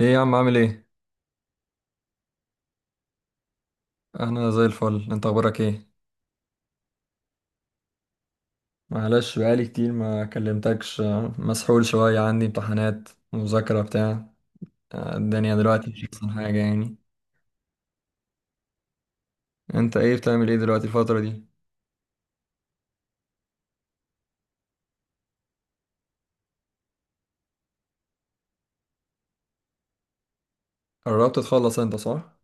ايه يا عم، عامل ايه؟ انا زي الفل. انت اخبارك ايه؟ معلش، بقالي كتير ما كلمتكش مسحول شوية، عندي امتحانات، مذاكرة بتاع. الدنيا دلوقتي مش احسن حاجة يعني. انت ايه، بتعمل ايه دلوقتي الفترة دي؟ قربت تخلص انت، صح؟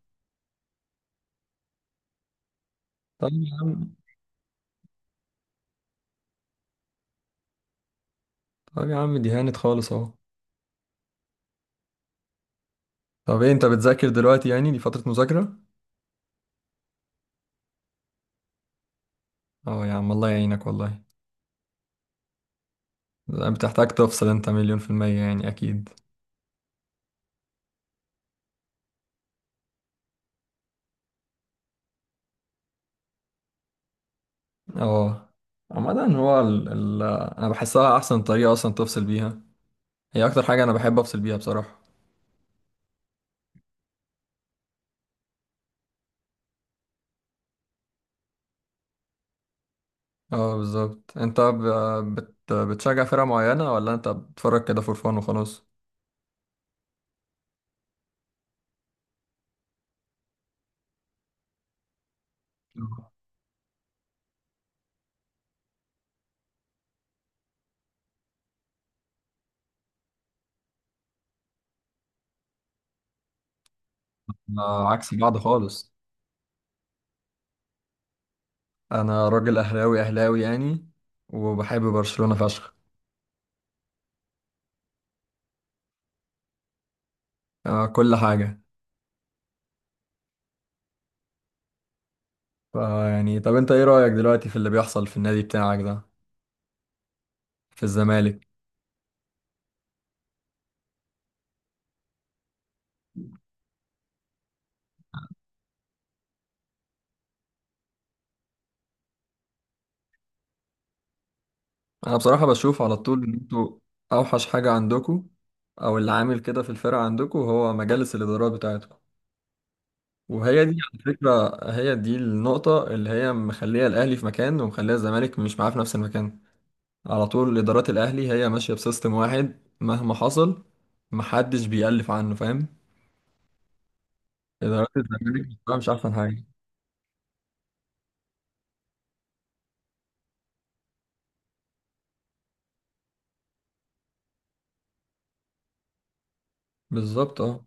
طب يا عم طب يا عم، دي هانت خالص اهو. طب ايه، انت بتذاكر دلوقتي؟ يعني دي فترة مذاكرة؟ اه يا عم، الله يعينك والله. بتحتاج تفصل انت، مليون في المية يعني اكيد. اه، عامة هو ال... انا بحسها احسن طريقة اصلا تفصل بيها. هي اكتر حاجة انا بحب افصل بيها بصراحة. اه بالظبط، بتشجع فرقة معينة، ولا انت بتتفرج كده فور فان وخلاص؟ انا عكس بعض خالص. انا راجل اهلاوي اهلاوي يعني، وبحب برشلونة فشخ. آه، كل حاجة. فيعني طب انت ايه رأيك دلوقتي في اللي بيحصل في النادي بتاعك ده، في الزمالك؟ انا بصراحة بشوف على طول ان انتوا اوحش حاجة عندكوا، او اللي عامل كده في الفرقة عندكوا، هو مجالس الادارات بتاعتكم. وهي دي على فكرة، هي دي النقطة اللي هي مخلية الأهلي في مكان، ومخلية الزمالك مش معاه في نفس المكان. على طول إدارات الأهلي هي ماشية بسيستم واحد مهما حصل، محدش بيألف عنه، فاهم؟ إدارات الزمالك بصراحة مش أحسن حاجة. بالظبط اه.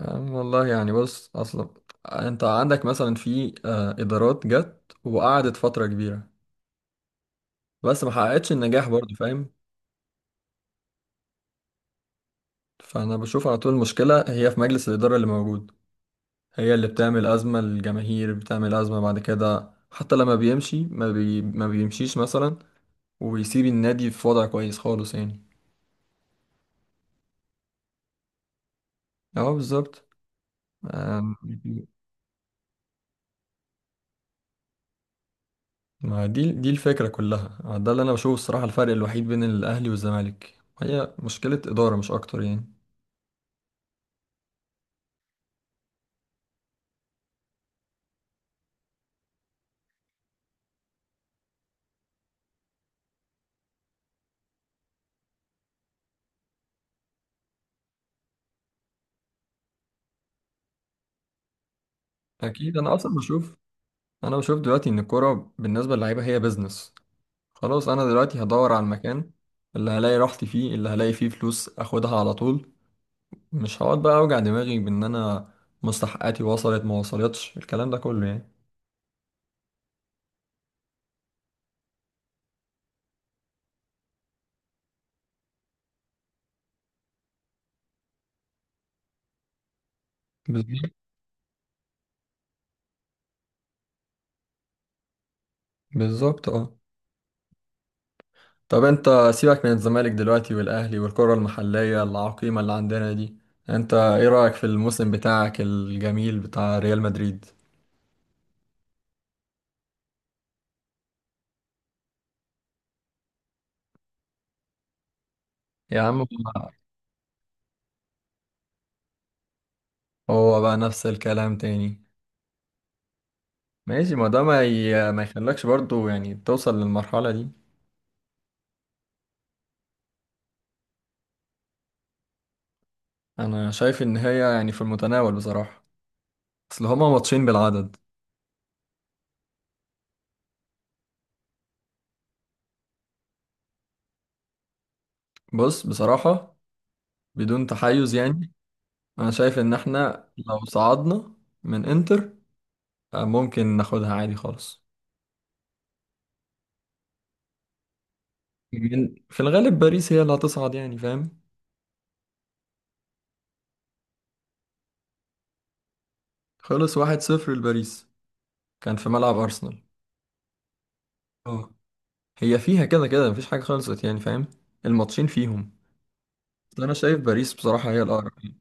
والله يعني بص، أصلا أنت عندك مثلا، في إدارات جت وقعدت فترة كبيرة بس ما حققتش النجاح برضه، فاهم؟ فأنا بشوف على طول المشكلة هي في مجلس الإدارة اللي موجود، هي اللي بتعمل أزمة للجماهير، بتعمل أزمة بعد كده، حتى لما بيمشي ما بيمشيش مثلا ويسيب النادي في وضع كويس خالص يعني. اه بالظبط. آم، ما دي الفكرة كلها، ده اللي أنا بشوفه الصراحة. الفرق الوحيد بين الأهلي والزمالك هي مشكلة إدارة، مش أكتر يعني. أكيد. أنا بشوف دلوقتي إن الكورة بالنسبة للعيبة هي بيزنس. خلاص، أنا دلوقتي هدور على المكان اللي هلاقي راحتي فيه، اللي هلاقي فيه فلوس، أخدها على طول. مش هقعد بقى اوجع دماغي بان انا مستحقاتي وصلت ما وصلتش، الكلام ده كله يعني. بالظبط. بالظبط اه. طب انت، سيبك من الزمالك دلوقتي والاهلي والكرة المحلية العقيمة اللي عندنا دي. انت ايه رأيك في الموسم بتاعك الجميل بتاع ريال مدريد؟ يا عم، هو بقى نفس الكلام تاني. ماشي، ما ده ما يخلكش برضو يعني توصل للمرحلة دي. انا شايف ان هي يعني في المتناول بصراحة، اصل هما ماتشين بالعدد. بص بصراحة، بدون تحيز يعني، انا شايف ان احنا لو صعدنا من انتر، ممكن ناخدها عادي خالص. من في الغالب باريس هي اللي هتصعد يعني، فاهم؟ خلص واحد صفر لباريس، كان في ملعب ارسنال. اه، هي فيها كده كده مفيش حاجة خلصت يعني، فاهم؟ الماتشين فيهم. بس انا شايف باريس بصراحة هي الاقرب يعني.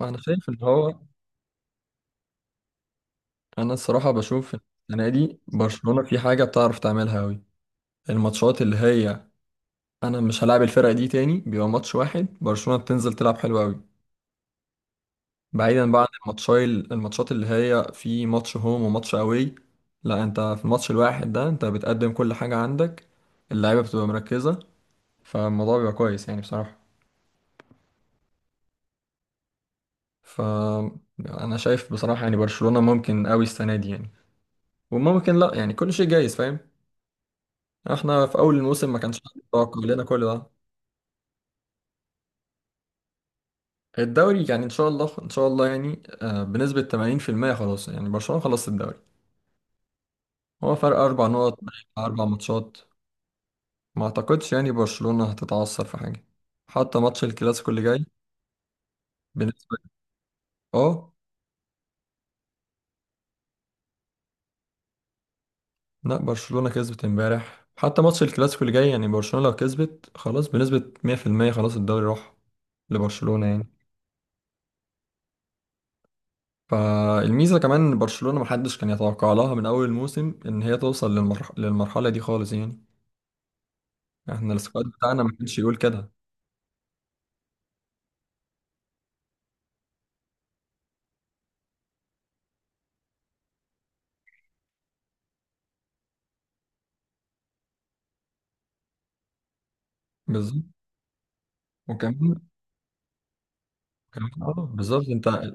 انا شايف ان هو انا الصراحة بشوف إن السنة دي برشلونة في حاجة بتعرف تعملها قوي. الماتشات اللي هي انا مش هلعب الفرقة دي تاني، بيبقى ماتش واحد، برشلونة بتنزل تلعب حلو قوي. بعيدا بقى عن الماتشات اللي هي في ماتش هوم وماتش اواي. لا انت في الماتش الواحد ده انت بتقدم كل حاجة عندك، اللعيبة بتبقى مركزة، فالموضوع بيبقى كويس يعني بصراحة. فأنا شايف بصراحة يعني برشلونة ممكن قوي السنة دي يعني، وممكن لا يعني، كل شيء جايز، فاهم؟ احنا في أول الموسم ما كانش حد يتوقع لنا كل ده. الدوري يعني إن شاء الله إن شاء الله يعني، بنسبة 80% خلاص يعني، برشلونة خلصت الدوري. هو فرق أربع نقط، أربع ماتشات. ما اعتقدش يعني برشلونة هتتعثر في حاجة، حتى ماتش الكلاسيكو اللي جاي. بالنسبة، اه لا برشلونة كسبت امبارح. حتى ماتش الكلاسيكو اللي جاي، يعني برشلونة لو كسبت خلاص، بنسبة 100% خلاص الدوري راح لبرشلونة يعني. فالميزة كمان ان برشلونة محدش كان يتوقع لها من اول الموسم ان هي توصل للمرحلة دي خالص يعني، احنا السكواد بتاعنا ما كانش يقول كده. بالظبط. وكمان، كمان اه بالظبط. انت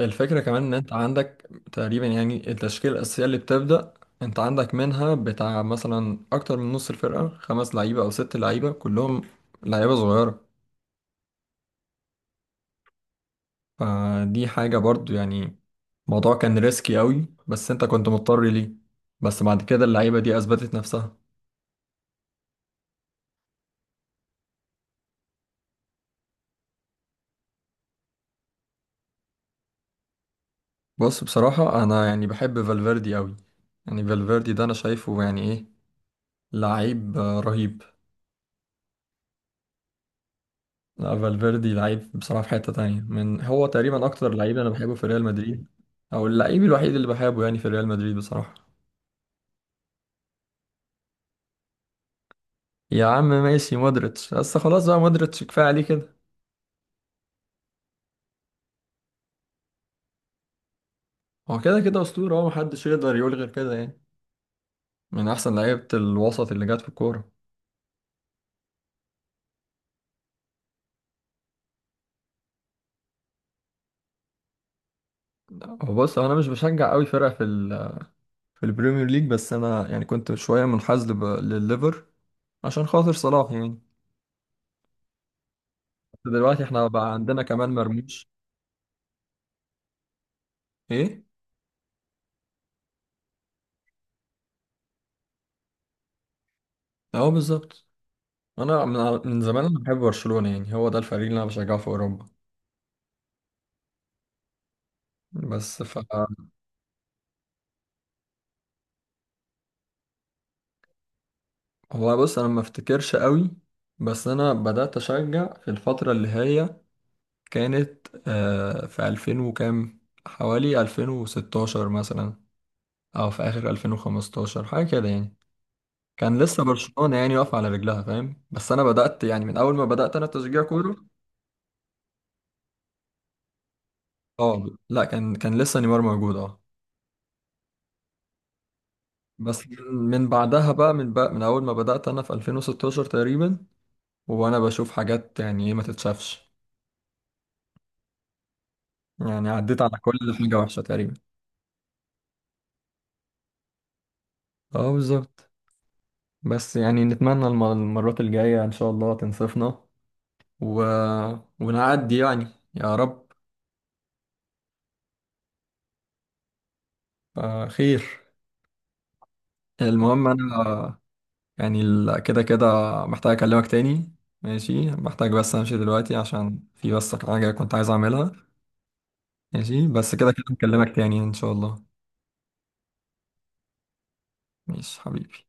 الفكرة كمان ان انت عندك تقريبا يعني التشكيلة الأساسية اللي بتبدأ، انت عندك منها بتاع مثلا أكتر من نص الفرقة، خمس لعيبة أو ست لعيبة كلهم لعيبة صغيرة. فدي حاجة برضو يعني، الموضوع كان ريسكي قوي، بس انت كنت مضطر ليه. بس بعد كده اللعيبة دي أثبتت نفسها. بص بصراحة أنا يعني بحب فالفيردي قوي. يعني فالفيردي ده أنا شايفه يعني، إيه، لعيب رهيب. لا فالفيردي لعيب بصراحة في حتة تانية، من هو تقريبا أكتر لعيب أنا بحبه في ريال مدريد، أو اللعيب الوحيد اللي بحبه يعني في ريال مدريد بصراحة. يا عم ماشي مودريتش، بس خلاص بقى مودريتش كفاية عليه كده. هو كده كده أسطورة، هو محدش يقدر يقول غير كده يعني، من أحسن لعيبة الوسط اللي جت في الكورة. هو بص، هو أنا مش بشجع أوي فرقة في في البريمير ليج، بس أنا يعني كنت شوية منحاز للليفر عشان خاطر صلاح يعني. دلوقتي احنا بقى عندنا كمان مرموش. إيه؟ أهو بالظبط. انا من زمان انا بحب برشلونة يعني، هو ده الفريق اللي انا بشجعه في اوروبا. بس ف، هو بص انا ما افتكرش قوي، بس انا بدأت اشجع في الفترة اللي هي كانت، في 2000 وكام، حوالي 2016 مثلا، او في اخر 2015 حاجة كده يعني. كان لسه برشلونة يعني واقفة على رجلها، فاهم؟ بس انا بدأت يعني من اول ما بدأت انا تشجيع كورة. اه لا كان لسه نيمار موجود، اه. بس من من بعدها بقى من بقى من اول ما بدأت انا في 2016 تقريبا، وانا بشوف حاجات يعني ايه ما تتشافش، يعني عديت على كل حاجة وحشة تقريبا. اه بالظبط. بس يعني نتمنى المرات الجاية ان شاء الله تنصفنا و... ونعدي يعني. يا رب. آه خير. المهم انا يعني كده كده محتاج اكلمك تاني. ماشي، محتاج بس امشي دلوقتي عشان في بس حاجة كنت عايز اعملها. ماشي، بس كده كده هكلمك تاني ان شاء الله. ماشي حبيبي.